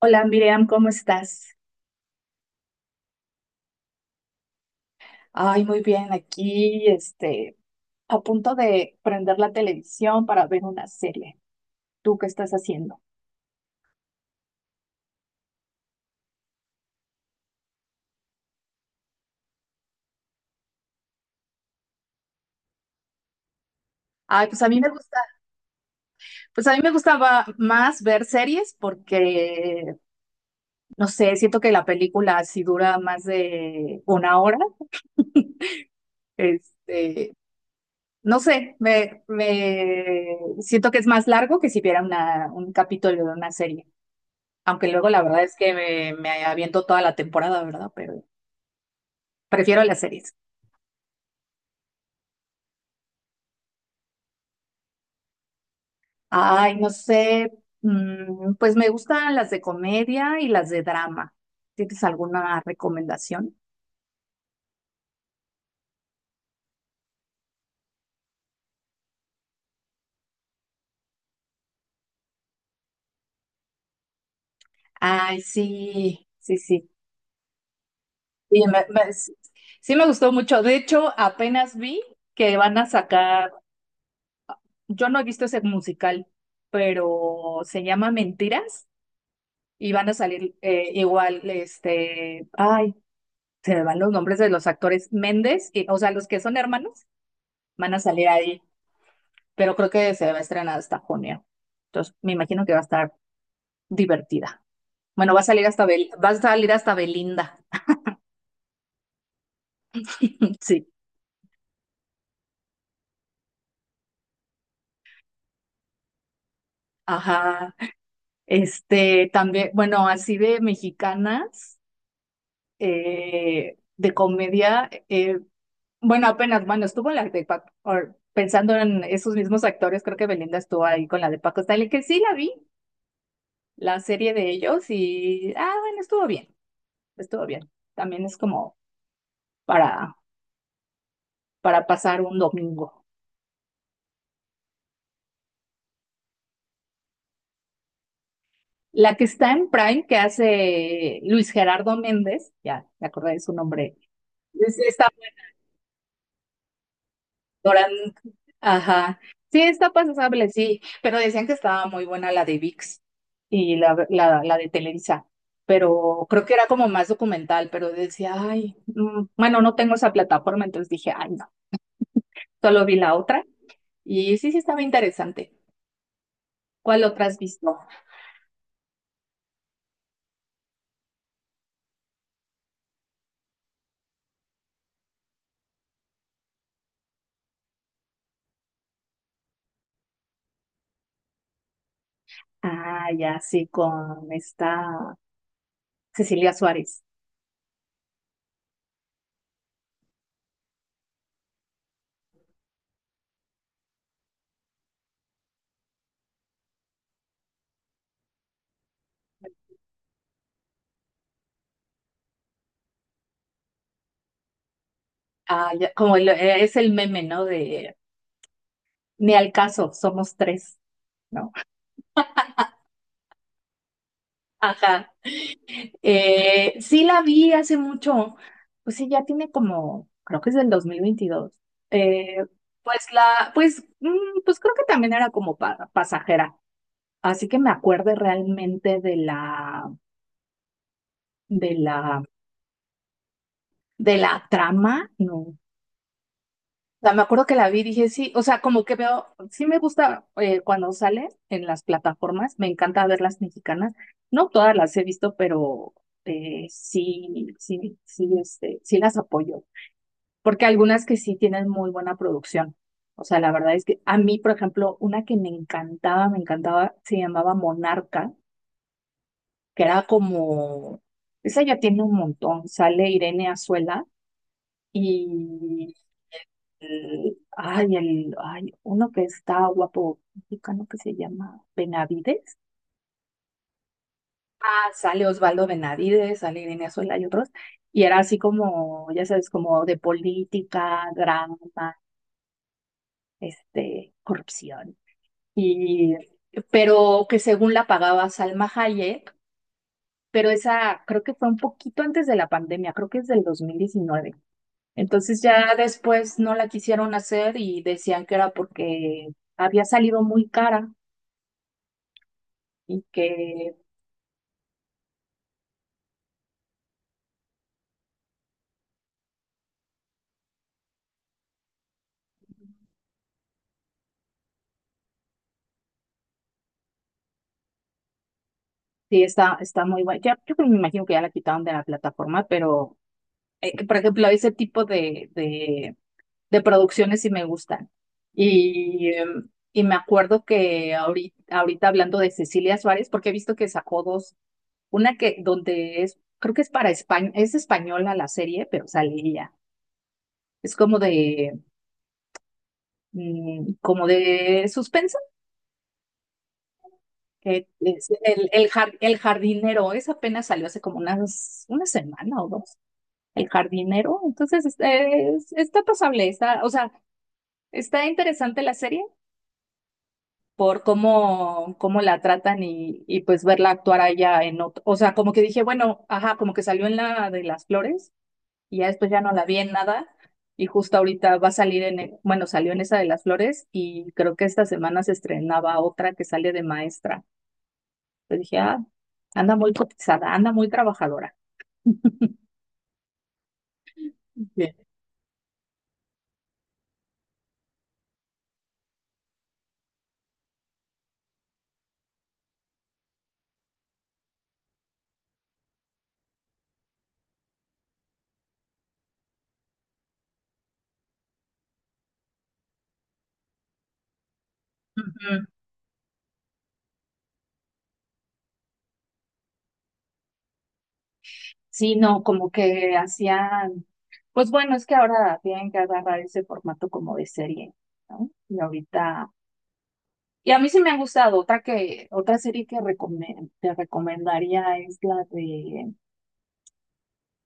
Hola, Miriam, ¿cómo estás? Ay, muy bien, aquí, a punto de prender la televisión para ver una serie. ¿Tú qué estás haciendo? Ay, pues a mí me gusta, pues a mí me gustaba más ver series porque, no sé, siento que la película si dura más de una hora, este, no sé, me siento que es más largo que si viera un capítulo de una serie. Aunque luego la verdad es que me aviento toda la temporada, ¿verdad? Pero prefiero las series. Ay, no sé, mm, pues me gustan las de comedia y las de drama. ¿Tienes alguna recomendación? Ay, sí, sí, sí. Y me- me- sí sí me gustó mucho. De hecho, apenas vi que van a sacar, yo no he visto ese musical, pero se llama Mentiras y van a salir igual, ay, se me van los nombres de los actores Méndez, y, o sea, los que son hermanos van a salir ahí, pero creo que se va a estrenar hasta junio. Entonces, me imagino que va a estar divertida. Bueno, va a salir hasta Belinda. Sí, ajá. También, bueno, así de mexicanas, de comedia, bueno, bueno, estuvo la de Paco, or- pensando en esos mismos actores, creo que Belinda estuvo ahí con la de Paco Stanley, que sí la vi, la serie de ellos y, ah, bueno, estuvo bien, estuvo bien. También es como para, para pasar un domingo. La que está en Prime, que hace Luis Gerardo Méndez, ya me acordé de su nombre, es esta actora, ajá, sí, está pasable, sí, pero decían que estaba muy buena la de VIX y la de Televisa, pero creo que era como más documental, pero decía, ay, mm, bueno, no tengo esa plataforma, entonces dije, ay, no, solo vi la otra. Y sí, sí estaba interesante. ¿Cuál otra has visto? Ah, ya, sí, con esta Cecilia Suárez. Ah, ya, es el meme, ¿no? De, ni al caso, somos tres, ¿no? Ajá, sí la vi hace mucho. Pues sí, ya tiene como, creo que es del 2022. Eh, pues la, pues, mm, pues creo que también era como pasajera. Así que me acuerde realmente de la, de la, de la trama, no, sea, me acuerdo que la vi y dije, sí, o sea, como que veo, sí me gusta cuando sale en las plataformas, me encanta ver las mexicanas. No todas las he visto, pero sí, sí, sí, sí las apoyo, porque algunas que sí tienen muy buena producción. O sea, la verdad es que a mí, por ejemplo, una que me encantaba, se llamaba Monarca, que era como, esa ya tiene un montón, sale Irene Azuela, y uno que está guapo mexicano que se llama Benavides. Ah, sale Osvaldo Benavides, sale Irene Azuela y otros. Y era así como, ya sabes, como de política, drama, corrupción. Y, pero que según la pagaba Salma Hayek, pero esa creo que fue un poquito antes de la pandemia, creo que es del 2019. Entonces ya después no la quisieron hacer y decían que era porque había salido muy cara. Y que sí está, está muy buena. Ya, me imagino que ya la quitaron de la plataforma, pero por ejemplo, ese tipo de producciones sí me gustan. Y, em, y me acuerdo que ahorita, ahorita hablando de Cecilia Suárez, porque he visto que sacó dos, una que donde es, creo que es para España, es española la serie, pero sale ella. Es como de, mm, como de suspenso. Que es el, el jardinero, esa apenas salió hace como unas, una semana o dos. El jardinero. Entonces, está pasable, está, o sea, está interesante la serie por cómo, cómo la tratan y pues verla actuar allá en otro, o sea, como que dije, bueno, ajá, como que salió en la de las flores y ya después ya no la vi en nada. Y justo ahorita va a salir en, bueno, salió en esa de las flores y creo que esta semana se estrenaba otra que sale de maestra. Pues dije, ah, anda muy cotizada, anda muy trabajadora. Bien. Ujú. Sí, no, como que hacían, pues bueno, es que ahora tienen que agarrar ese formato como de serie, ¿no? Y ahorita, y a mí sí me ha gustado, otra que, otra serie que recome- te recomendaría es la de,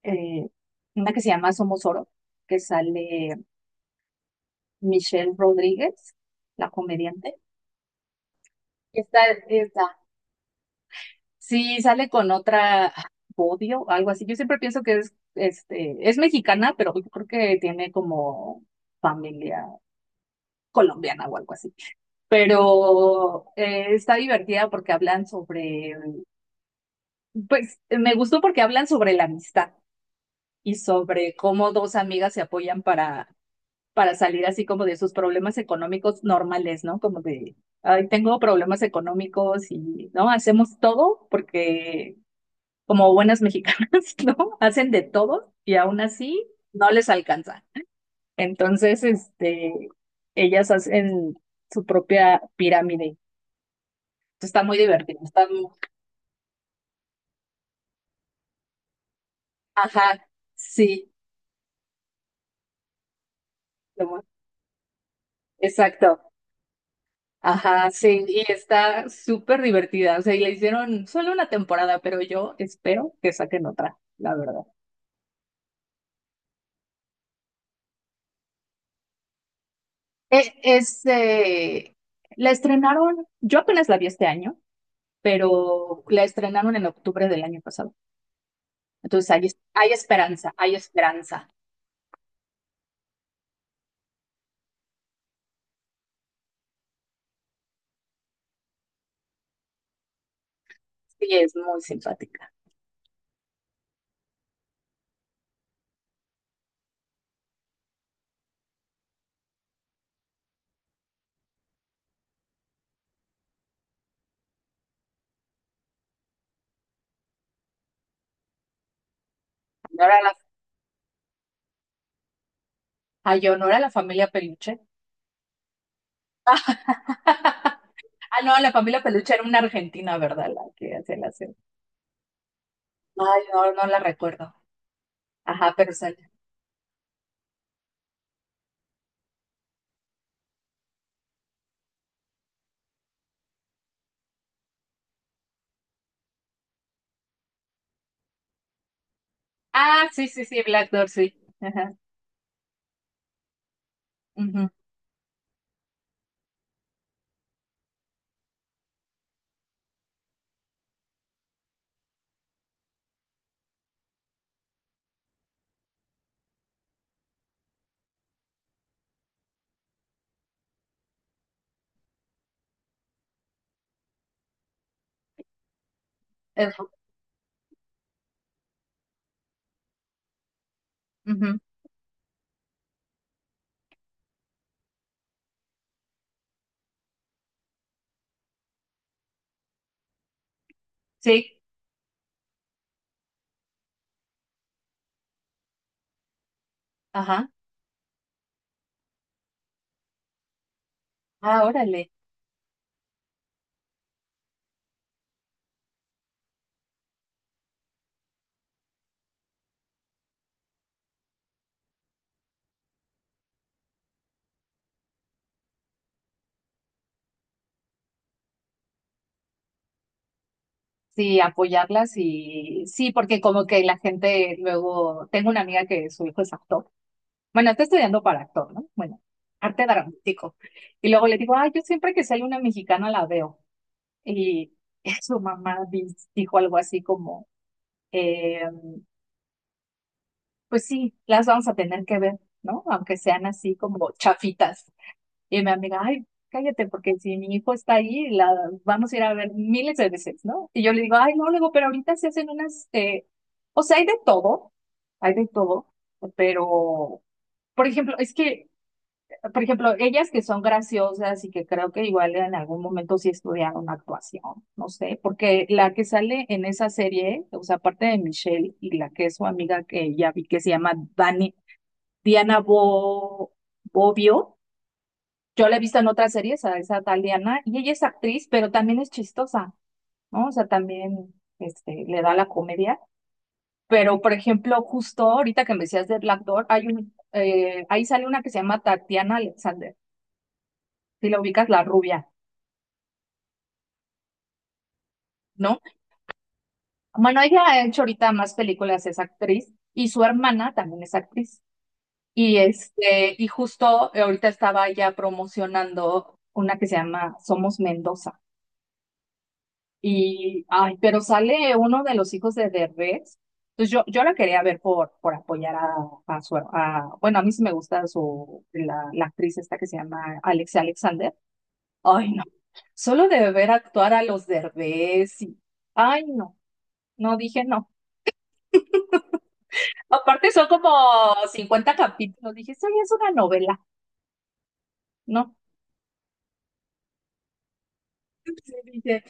eh, una que se llama Somos Oro, que sale Michelle Rodríguez, la comediante. Está, está, sí, sale con otra Bodio, algo así. Yo siempre pienso que es, es mexicana, pero yo creo que tiene como familia colombiana o algo así. Pero está divertida porque hablan sobre, pues me gustó porque hablan sobre la amistad y sobre cómo dos amigas se apoyan para salir así como de sus problemas económicos normales, ¿no? Como de, ay, tengo problemas económicos y, ¿no? Hacemos todo porque como buenas mexicanas, ¿no? Hacen de todo y aún así no les alcanza. Entonces, ellas hacen su propia pirámide. Está muy divertido, ajá, sí, lo- exacto. Ajá, sí, y está súper divertida. O sea, y le hicieron solo una temporada, pero yo espero que saquen otra, la verdad. Eh, es, eh, la estrenaron, yo apenas la vi este año, pero la estrenaron en octubre del año pasado. Entonces hay, hay esperanza, hay esperanza. Sí, es muy simpática. Honor a la, honor a la familia Peluche. Ah, no, la familia peluche era una argentina, ¿verdad? La que hacía la serie. Ay, no, no la recuerdo. Ajá, pero sale. Ah, sí, sí, sí, Black Door, sí. Ajá. Ujú, eso, ujú. Sí, ajá. Ah, órale. Sí, apoyarlas y sí, porque como que la gente luego, tengo una amiga que su hijo es actor. Bueno, está estudiando para actor, ¿no? Bueno, arte dramático. Y luego le digo, ay, yo siempre que sale una mexicana la veo. Y su mamá dijo algo así como, em, pues sí, las vamos a tener que ver, ¿no? Aunque sean así como chafitas. Y mi amiga, ay, cállate, porque si mi hijo está ahí, la vamos a ir a ver miles de veces, ¿no? Y yo le digo, ay, no, le digo, pero ahorita se hacen unas, o sea, hay de todo, pero, por ejemplo, es que, por ejemplo, ellas que son graciosas y que creo que igual en algún momento sí estudiaron actuación, no sé, porque la que sale en esa serie, o sea, aparte de Michelle y la que es su amiga que ya vi que se llama Dani, Diana Bo- Bobbio. Yo la he visto en otras series, a esa tal Diana, y ella es actriz, pero también es chistosa, ¿no? O sea, también le da la comedia. Pero, por ejemplo, justo ahorita que me decías de Black Door, hay un, ahí sale una que se llama Tatiana Alexander. Si la ubicas, la rubia, ¿no? Bueno, ella ha hecho ahorita más películas, es actriz, y su hermana también es actriz. Y y justo ahorita estaba ya promocionando una que se llama Somos Mendoza. Y, ay, pero sale uno de los hijos de Derbez. Entonces yo la quería ver por apoyar a su, a, bueno, a mí sí me gusta su, la actriz esta que se llama Alexia Alexander. Ay, no. Solo de ver actuar a los Derbez y, ay, no. No, dije no. Aparte son como 50 capítulos. Dije, eso ya es una novela. No. Sí, dije,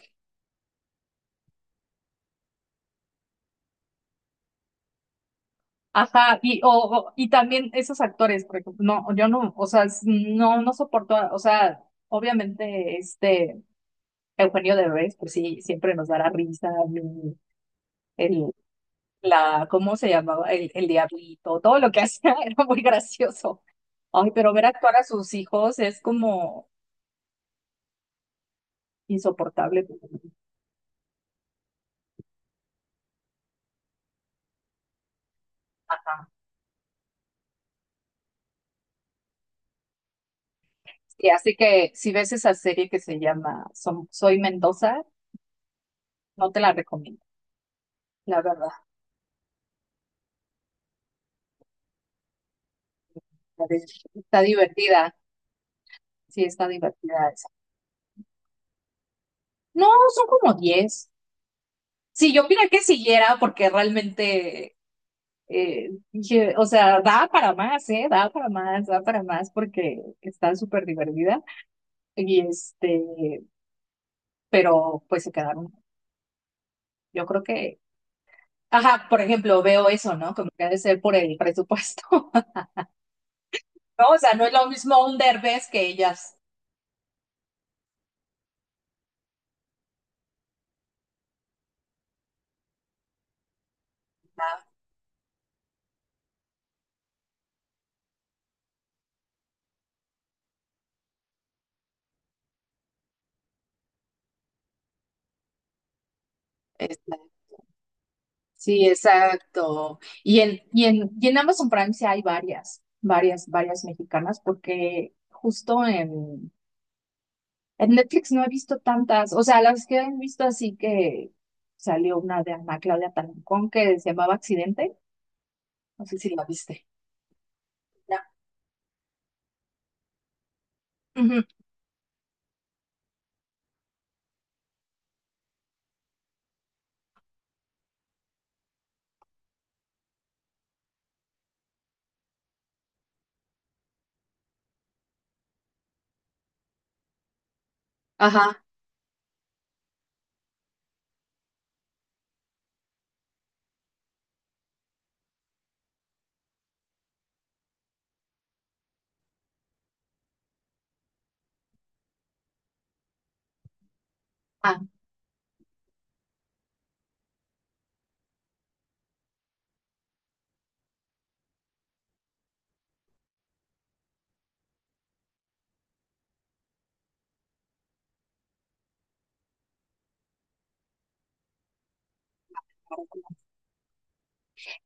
ajá, y, o, y también esos actores, por ejemplo, no, yo no, o sea, no, no soporto, o sea, obviamente, Eugenio Derbez, pues sí, siempre nos dará risa, el, el- la, ¿cómo se llamaba? El diablito, todo lo que hacía era muy gracioso. Ay, pero ver actuar a sus hijos es como insoportable. Y así que si ves esa serie que se llama Soy Mendoza, no te la recomiendo, la verdad. la de- Está divertida, sí, está divertida. No, son como 10. Sí, yo opiné que siguiera porque realmente dije, o sea, da para más, ¿eh? Da para más porque está súper divertida. Y pero pues se quedaron. Yo creo que, ajá, por ejemplo, veo eso, ¿no? Como que ha de ser por el presupuesto, ¿no? O sea, no es lo mismo un Derbez que ellas. Este, sí, exacto. Y en Amazon Prime sí hay varias, varias, varias mexicanas porque justo en... En Netflix no he visto tantas, o sea, las que he visto así que salió una de Ana Claudia Talancón que se llamaba Accidente, no sé si la viste. Ya. Ujú. Ajá. Ah,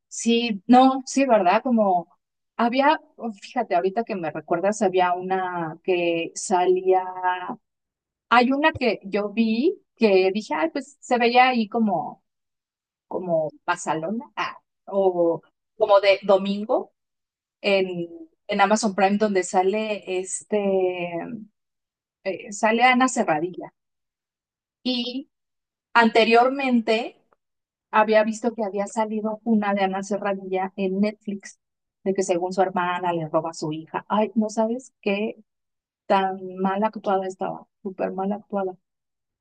sí, no, sí, ¿verdad? Como había, oh, fíjate, ahorita que me recuerdas, había una que salía, hay una que yo vi que dije, ay, pues se veía ahí como, como pasalona, ah, o como de domingo. en, en Amazon Prime donde sale sale Ana Serradilla. Y anteriormente había visto que había salido una de Ana Serradilla en Netflix, de que según su hermana le roba a su hija. Ay, no sabes qué tan mal actuada estaba, súper mal actuada.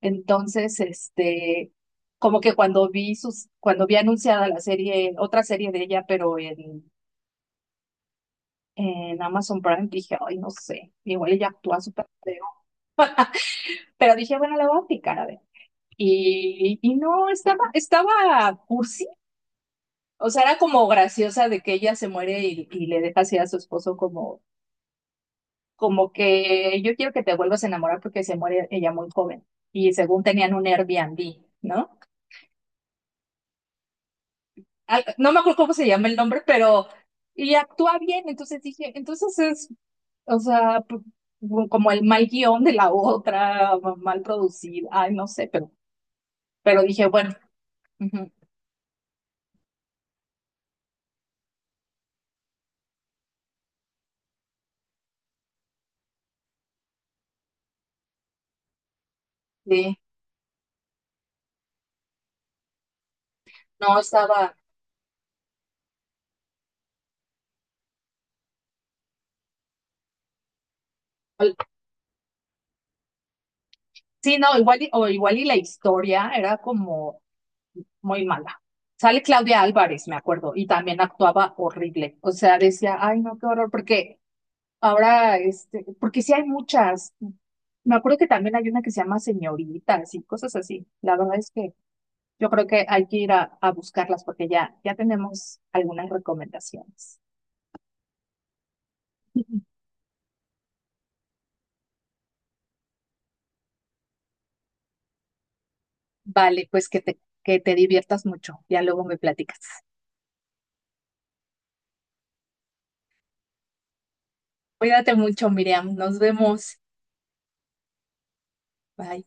Entonces, como que cuando vi sus, cuando vi anunciada la serie, otra serie de ella, pero en Amazon Prime, dije, ay, no sé, igual ella actúa súper. Pero dije, bueno, le voy a aplicar, a ver. Y no, estaba, estaba cursi. O sea, era como graciosa de que ella se muere y le deja así a su esposo como, como que yo quiero que te vuelvas a enamorar porque se muere ella muy joven. Y según tenían un Airbnb, ¿no? No me acuerdo cómo se llama el nombre, pero, y actúa bien. Entonces dije, entonces es, o sea, como el mal guión de la otra, mal producido. Ay, no sé, pero dije, bueno, ujú, sí. no estaba, al- sí, no, igual y, o igual y la historia era como muy mala. Sale Claudia Álvarez, me acuerdo, y también actuaba horrible. O sea, decía, ay, no, qué horror, porque ahora, porque sí hay muchas. Me acuerdo que también hay una que se llama Señoritas y cosas así. La verdad es que yo creo que hay que ir a buscarlas porque ya, ya tenemos algunas recomendaciones. Vale, pues que te diviertas mucho. Ya luego me platicas. Cuídate mucho, Miriam. Nos vemos. Bye.